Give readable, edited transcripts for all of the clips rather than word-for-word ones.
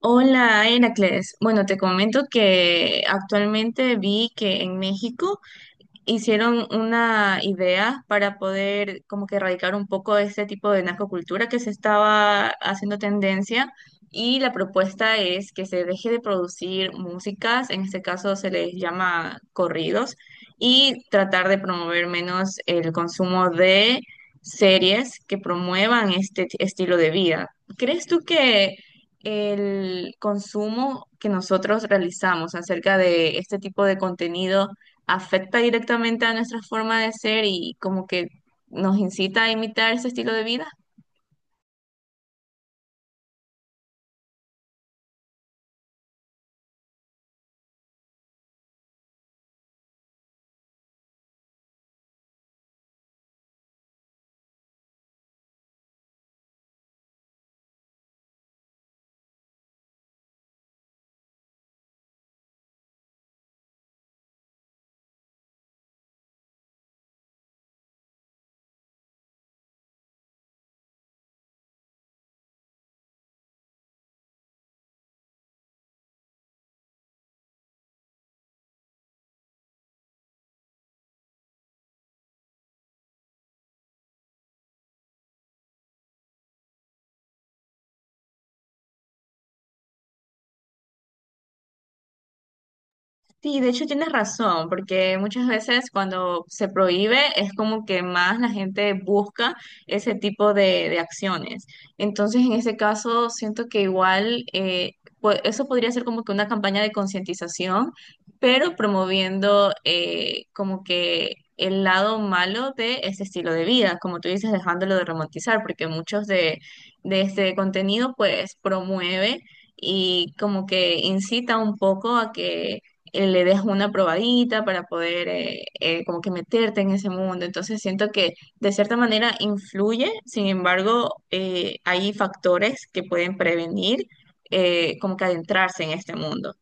Hola, Heracles. Bueno, te comento que actualmente vi que en México hicieron una idea para poder como que erradicar un poco este tipo de narcocultura que se estaba haciendo tendencia y la propuesta es que se deje de producir músicas, en este caso se les llama corridos, y tratar de promover menos el consumo de series que promuevan estilo de vida. ¿Crees tú que el consumo que nosotros realizamos acerca de este tipo de contenido afecta directamente a nuestra forma de ser y como que nos incita a imitar ese estilo de vida? Sí, de hecho tienes razón, porque muchas veces cuando se prohíbe es como que más la gente busca ese tipo de acciones. Entonces, en ese caso, siento que igual eso podría ser como que una campaña de concientización, pero promoviendo como que el lado malo de ese estilo de vida, como tú dices, dejándolo de romantizar, porque de este contenido pues promueve y como que incita un poco a que le des una probadita para poder como que meterte en ese mundo. Entonces siento que de cierta manera influye, sin embargo, hay factores que pueden prevenir como que adentrarse en este mundo.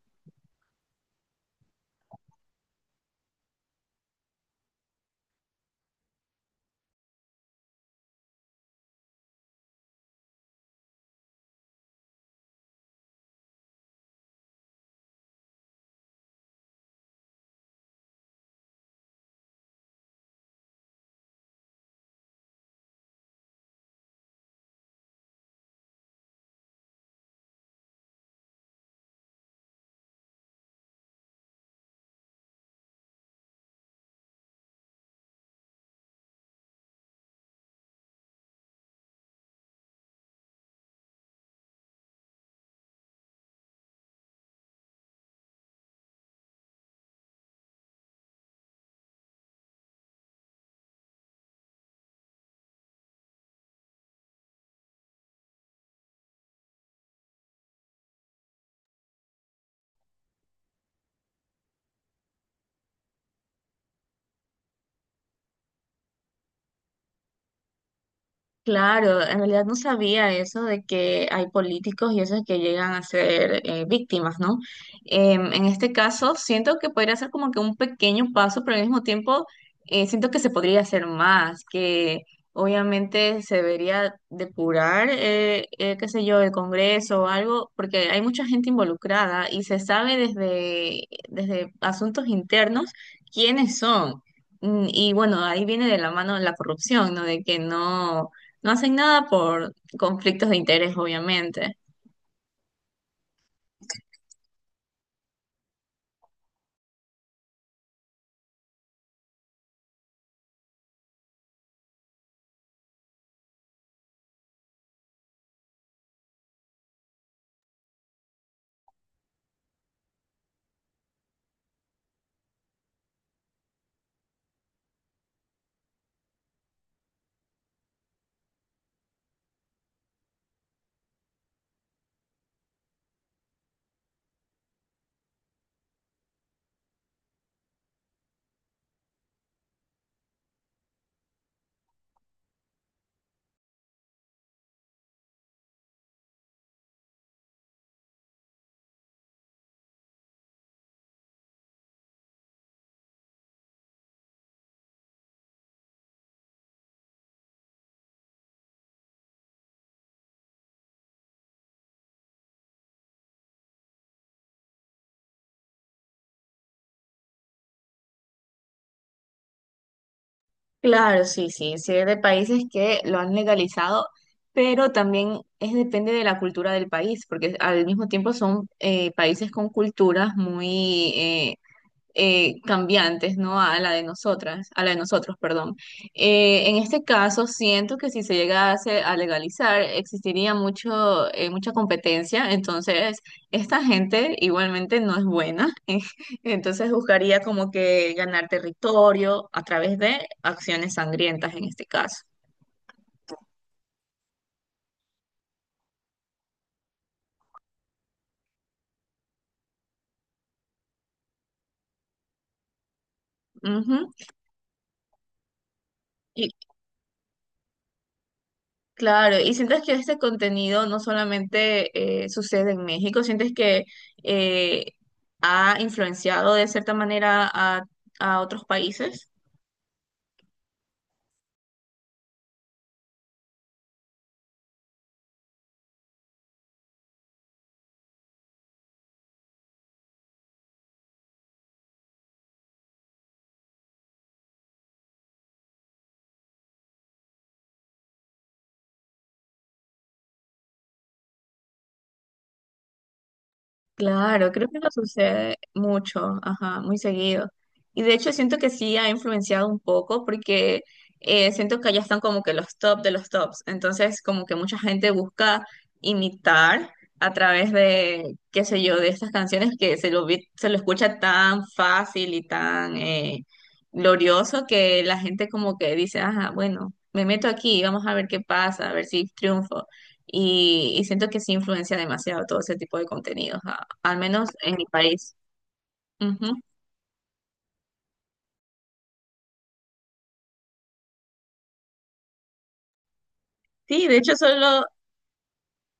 Claro, en realidad no sabía eso de que hay políticos y esos que llegan a ser víctimas, ¿no? En este caso, siento que podría ser como que un pequeño paso, pero al mismo tiempo siento que se podría hacer más, que obviamente se debería depurar, qué sé yo, el Congreso o algo, porque hay mucha gente involucrada y se sabe desde asuntos internos quiénes son. Mm, y bueno, ahí viene de la mano la corrupción, ¿no? De que no hacen nada por conflictos de interés, obviamente. Claro, sí, sí, sí, es de países que lo han legalizado, pero también es depende de la cultura del país, porque al mismo tiempo son países con culturas muy cambiantes, ¿no? A la de nosotras, a la de nosotros, perdón. En este caso, siento que si se llegase a legalizar, existiría mucha competencia, entonces esta gente igualmente no es buena, entonces buscaría como que ganar territorio a través de acciones sangrientas en este caso. Ujú. Claro, y sientes que este contenido no solamente sucede en México, sientes que eh, ha influenciado de cierta manera a otros países. Claro, creo que nos sucede mucho, ajá, muy seguido. Y de hecho siento que sí ha influenciado un poco porque siento que allá están como que los top de los tops. Entonces como que mucha gente busca imitar a través de, qué sé yo, de estas canciones que se lo escucha tan fácil y tan glorioso que la gente como que dice, ajá, bueno, me meto aquí, vamos a ver qué pasa, a ver si triunfo y siento que sí influencia demasiado todo ese tipo de contenidos, al menos en mi país. Ujú. Sí, de hecho solo,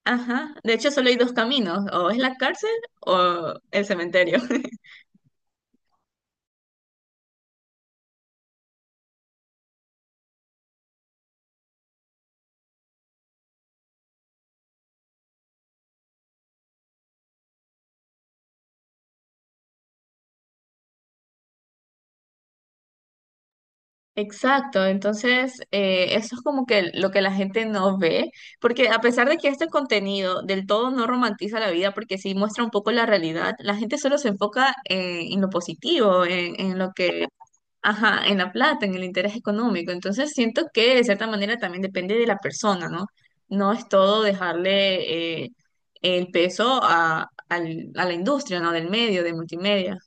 ajá, de hecho solo hay dos caminos, o es la cárcel o el cementerio. Exacto, entonces eso es como que lo que la gente no ve, porque a pesar de que este contenido del todo no romantiza la vida, porque sí muestra un poco la realidad, la gente solo se enfoca en lo positivo, en lo que ajá, en la plata, en el interés económico. Entonces siento que de cierta manera también depende de la persona, ¿no? No es todo dejarle el peso a la industria, ¿no? Del medio, de multimedia.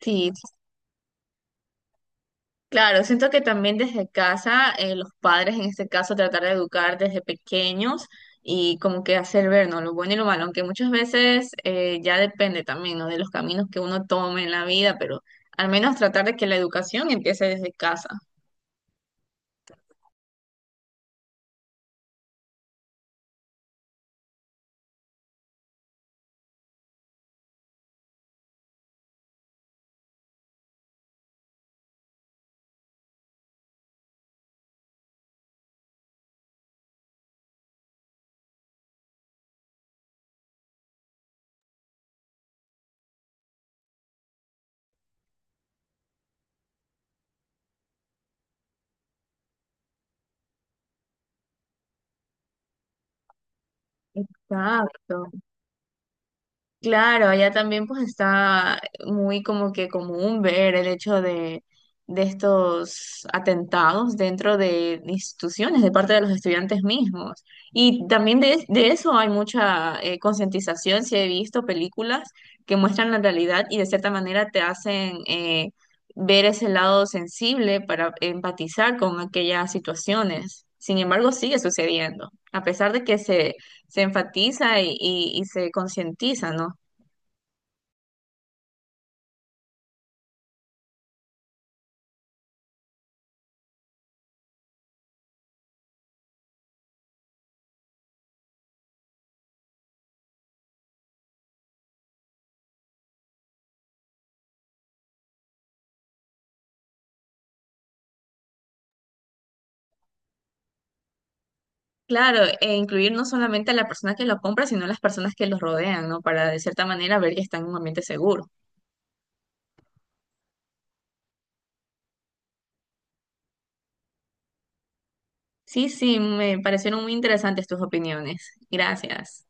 Sí, claro, siento que también desde casa, los padres en este caso tratar de educar desde pequeños y como que hacer ver, ¿no? Lo bueno y lo malo, aunque muchas veces ya depende también, ¿no? De los caminos que uno tome en la vida, pero al menos tratar de que la educación empiece desde casa. Exacto. Claro, allá también pues está muy como que común ver el hecho de estos atentados dentro de instituciones de parte de los estudiantes mismos. Y también de eso hay mucha concientización, si he visto películas que muestran la realidad y de cierta manera te hacen ver ese lado sensible para empatizar con aquellas situaciones. Sin embargo, sigue sucediendo, a pesar de se enfatiza y se concientiza, ¿no? Claro, e incluir no solamente a la persona que lo compra, sino a las personas que los rodean, ¿no? Para de cierta manera ver que están en un ambiente seguro. Sí, sí, me parecieron muy interesantes tus opiniones. Gracias.